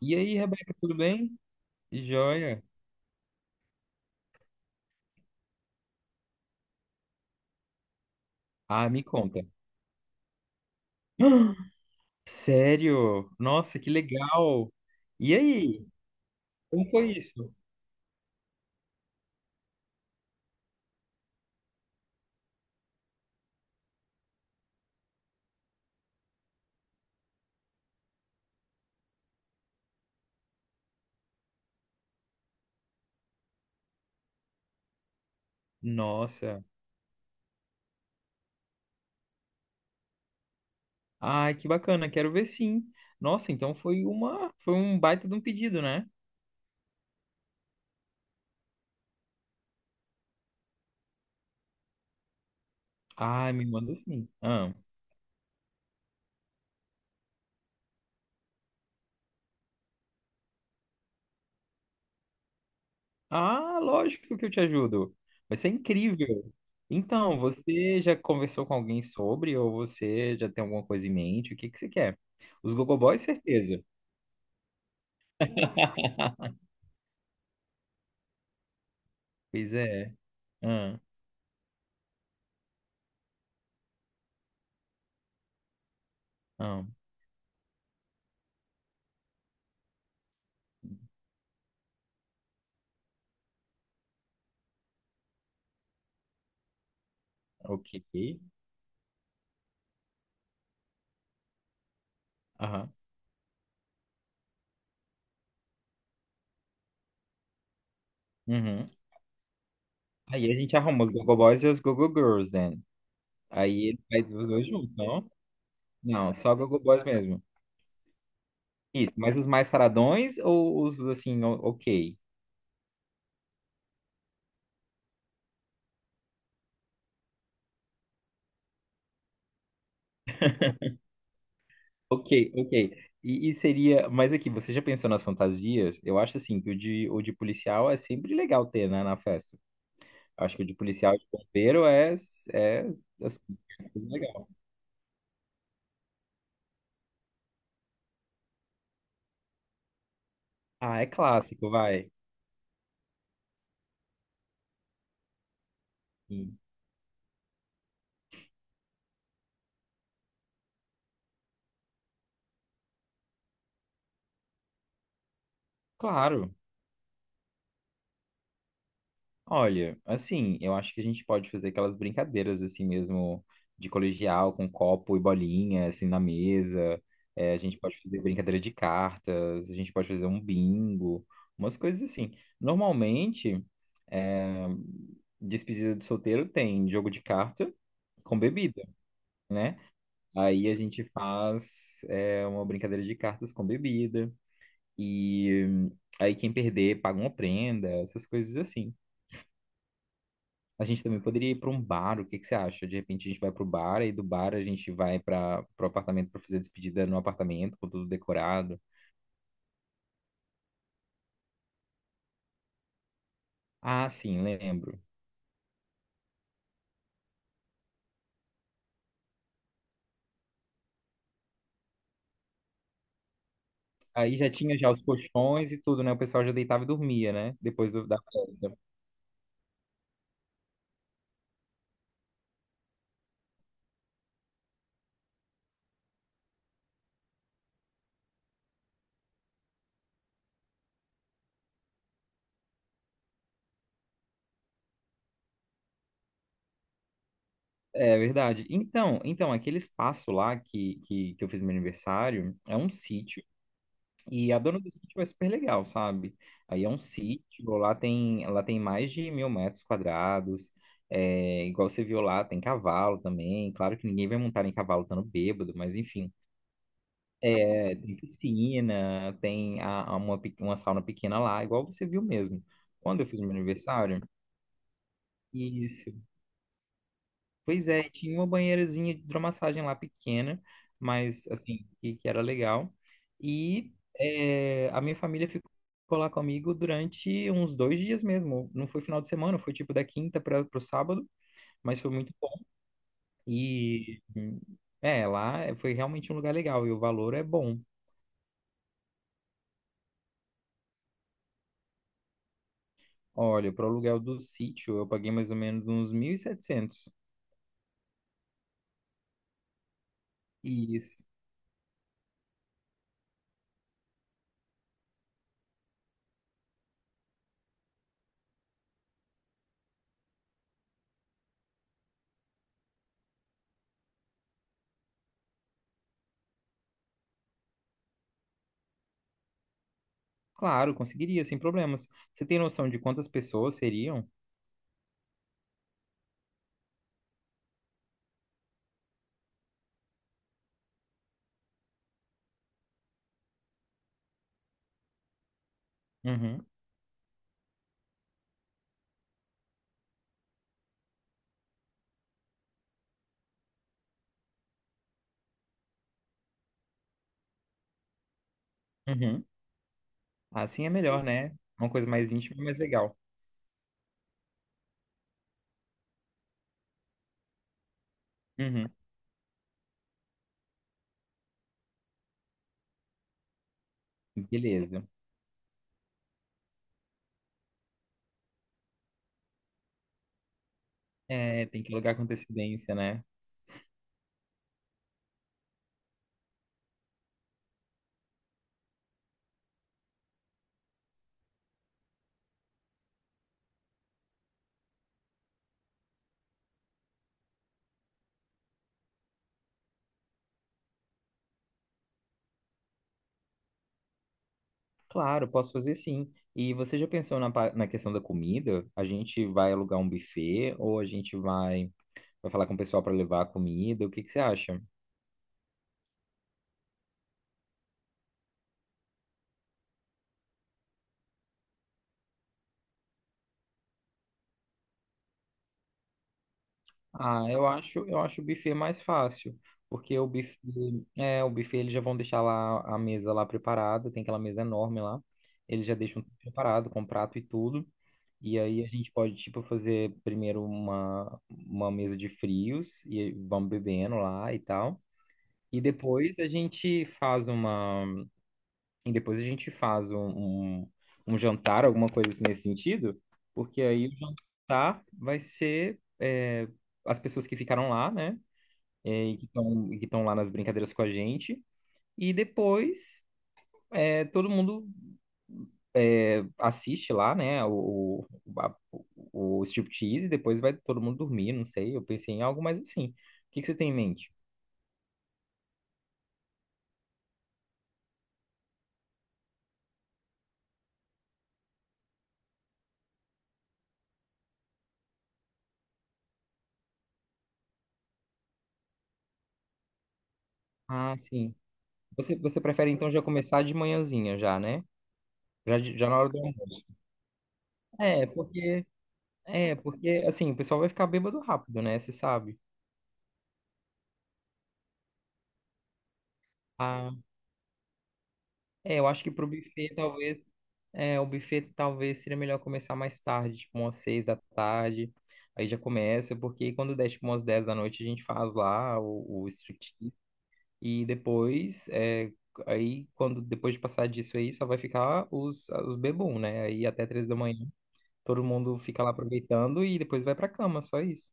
E aí, Rebeca, tudo bem? Joia. Ah, me conta. Sério? Nossa, que legal. E aí? Como foi isso? Nossa. Ai, que bacana. Quero ver sim. Nossa, então foi um baita de um pedido, né? Ah, me manda sim. Ah. Ah, lógico que eu te ajudo. Vai ser incrível. Então, você já conversou com alguém sobre ou você já tem alguma coisa em mente? O que que você quer? Os Gogoboys, certeza. Pois é. Ah, ah. Ok. Aham. Uhum. Aí a gente arruma os Gogo Boys e os Gogo Girls, né? Aí ele faz os dois juntos, não? Não, só Gogo Boys mesmo. Isso, mas os mais saradões ou os assim, ok? Ok, ok. E seria. Mas aqui, você já pensou nas fantasias? Eu acho assim que o de policial é sempre legal ter, né, na festa. Acho que o de policial e de bombeiro é assim, legal. Ah, é clássico, vai. Sim. Claro. Olha, assim, eu acho que a gente pode fazer aquelas brincadeiras assim mesmo de colegial com copo e bolinha assim na mesa. É, a gente pode fazer brincadeira de cartas, a gente pode fazer um bingo, umas coisas assim. Normalmente, é, despedida de solteiro tem jogo de carta com bebida, né? Aí a gente faz é, uma brincadeira de cartas com bebida e aí quem perder paga uma prenda, essas coisas assim. A gente também poderia ir para um bar, o que que você acha? De repente a gente vai para o bar e do bar a gente vai para o apartamento para fazer a despedida no apartamento, com tudo decorado. Ah, sim, lembro. Aí já tinha já os colchões e tudo, né? O pessoal já deitava e dormia, né? Depois da festa. É verdade. Então aquele espaço lá que eu fiz meu aniversário é um sítio. E a dona do sítio é super legal, sabe? Aí é um sítio, lá tem mais de 1.000 metros quadrados. É, igual você viu lá, tem cavalo também. Claro que ninguém vai montar em cavalo estando bêbado, mas enfim. É, tem piscina, tem uma sauna pequena lá, igual você viu mesmo. Quando eu fiz meu aniversário, isso. Pois é, e tinha uma banheirazinha de hidromassagem lá pequena, mas assim, que era legal. E a minha família ficou lá comigo durante uns 2 dias mesmo. Não foi final de semana, foi tipo da quinta para o sábado, mas foi muito bom. E lá foi realmente um lugar legal e o valor é bom. Olha, para o aluguel do sítio eu paguei mais ou menos uns 1.700. Isso. Claro, conseguiria, sem problemas. Você tem noção de quantas pessoas seriam? Uhum. Uhum. Assim é melhor, né? Uma coisa mais íntima, mais legal. Uhum. Beleza. É, tem que alugar com antecedência, né? Claro, posso fazer sim. E você já pensou na questão da comida? A gente vai alugar um buffet ou a gente vai falar com o pessoal para levar a comida? O que que você acha? Ah, eu acho o buffet mais fácil, porque o buffet eles já vão deixar lá a mesa lá preparada, tem aquela mesa enorme lá. Eles já deixam tudo preparado com prato e tudo. E aí a gente pode tipo fazer primeiro uma mesa de frios e vamos bebendo lá e tal. E depois a gente faz uma e depois a gente faz um jantar, alguma coisa assim nesse sentido, porque aí o jantar vai ser as pessoas que ficaram lá, né? E que estão lá nas brincadeiras com a gente. E depois todo mundo assiste lá, né? O striptease, e depois vai todo mundo dormir, não sei. Eu pensei em algo mais assim. O que que você tem em mente? Ah, sim. Você prefere então já começar de manhãzinha já, né? Já, já na hora do almoço. É, porque, porque, assim, o pessoal vai ficar bêbado rápido, né? Você sabe. Ah, eu acho que pro buffet, talvez, é, o buffet talvez seria melhor começar mais tarde, tipo umas 6 da tarde. Aí já começa, porque quando der, tipo, umas 10 da noite, a gente faz lá o striptease. E depois, aí, depois de passar disso aí, só vai ficar os bebum, né? Aí até 3 da manhã, todo mundo fica lá aproveitando e depois vai pra cama, só isso.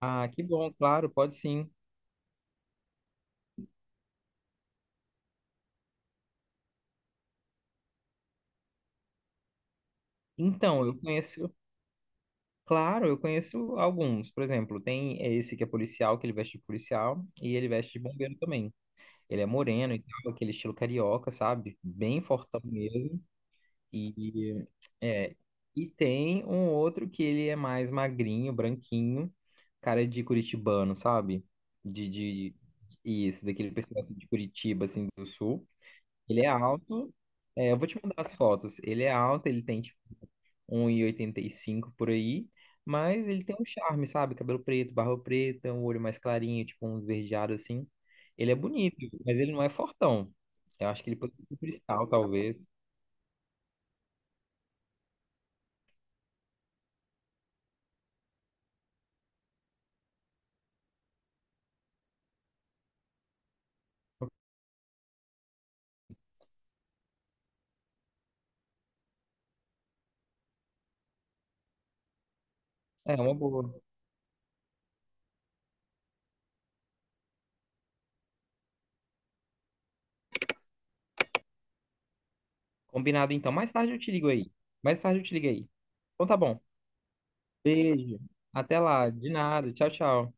Ah, que bom, claro, pode sim. Então, eu conheço. Claro, eu conheço alguns. Por exemplo, tem é esse que é policial, que ele veste de policial, e ele veste de bombeiro também. Ele é moreno e tal, aquele estilo carioca, sabe? Bem fortão mesmo. E, é, e tem um outro que ele é mais magrinho, branquinho, cara de curitibano, sabe? De, de, isso, daquele pessoal assim, de Curitiba, assim, do sul. Ele é alto. É, eu vou te mandar as fotos. Ele é alto, ele tem, tipo, um e oitenta e cinco por aí, mas ele tem um charme, sabe? Cabelo preto, barba preta, um olho mais clarinho, tipo um esverdeado assim. Ele é bonito, mas ele não é fortão. Eu acho que ele pode ser cristal, talvez. É, uma boa. Combinado então. Mais tarde eu te ligo aí. Mais tarde eu te ligo aí. Então tá bom. Beijo. Até lá. De nada. Tchau, tchau.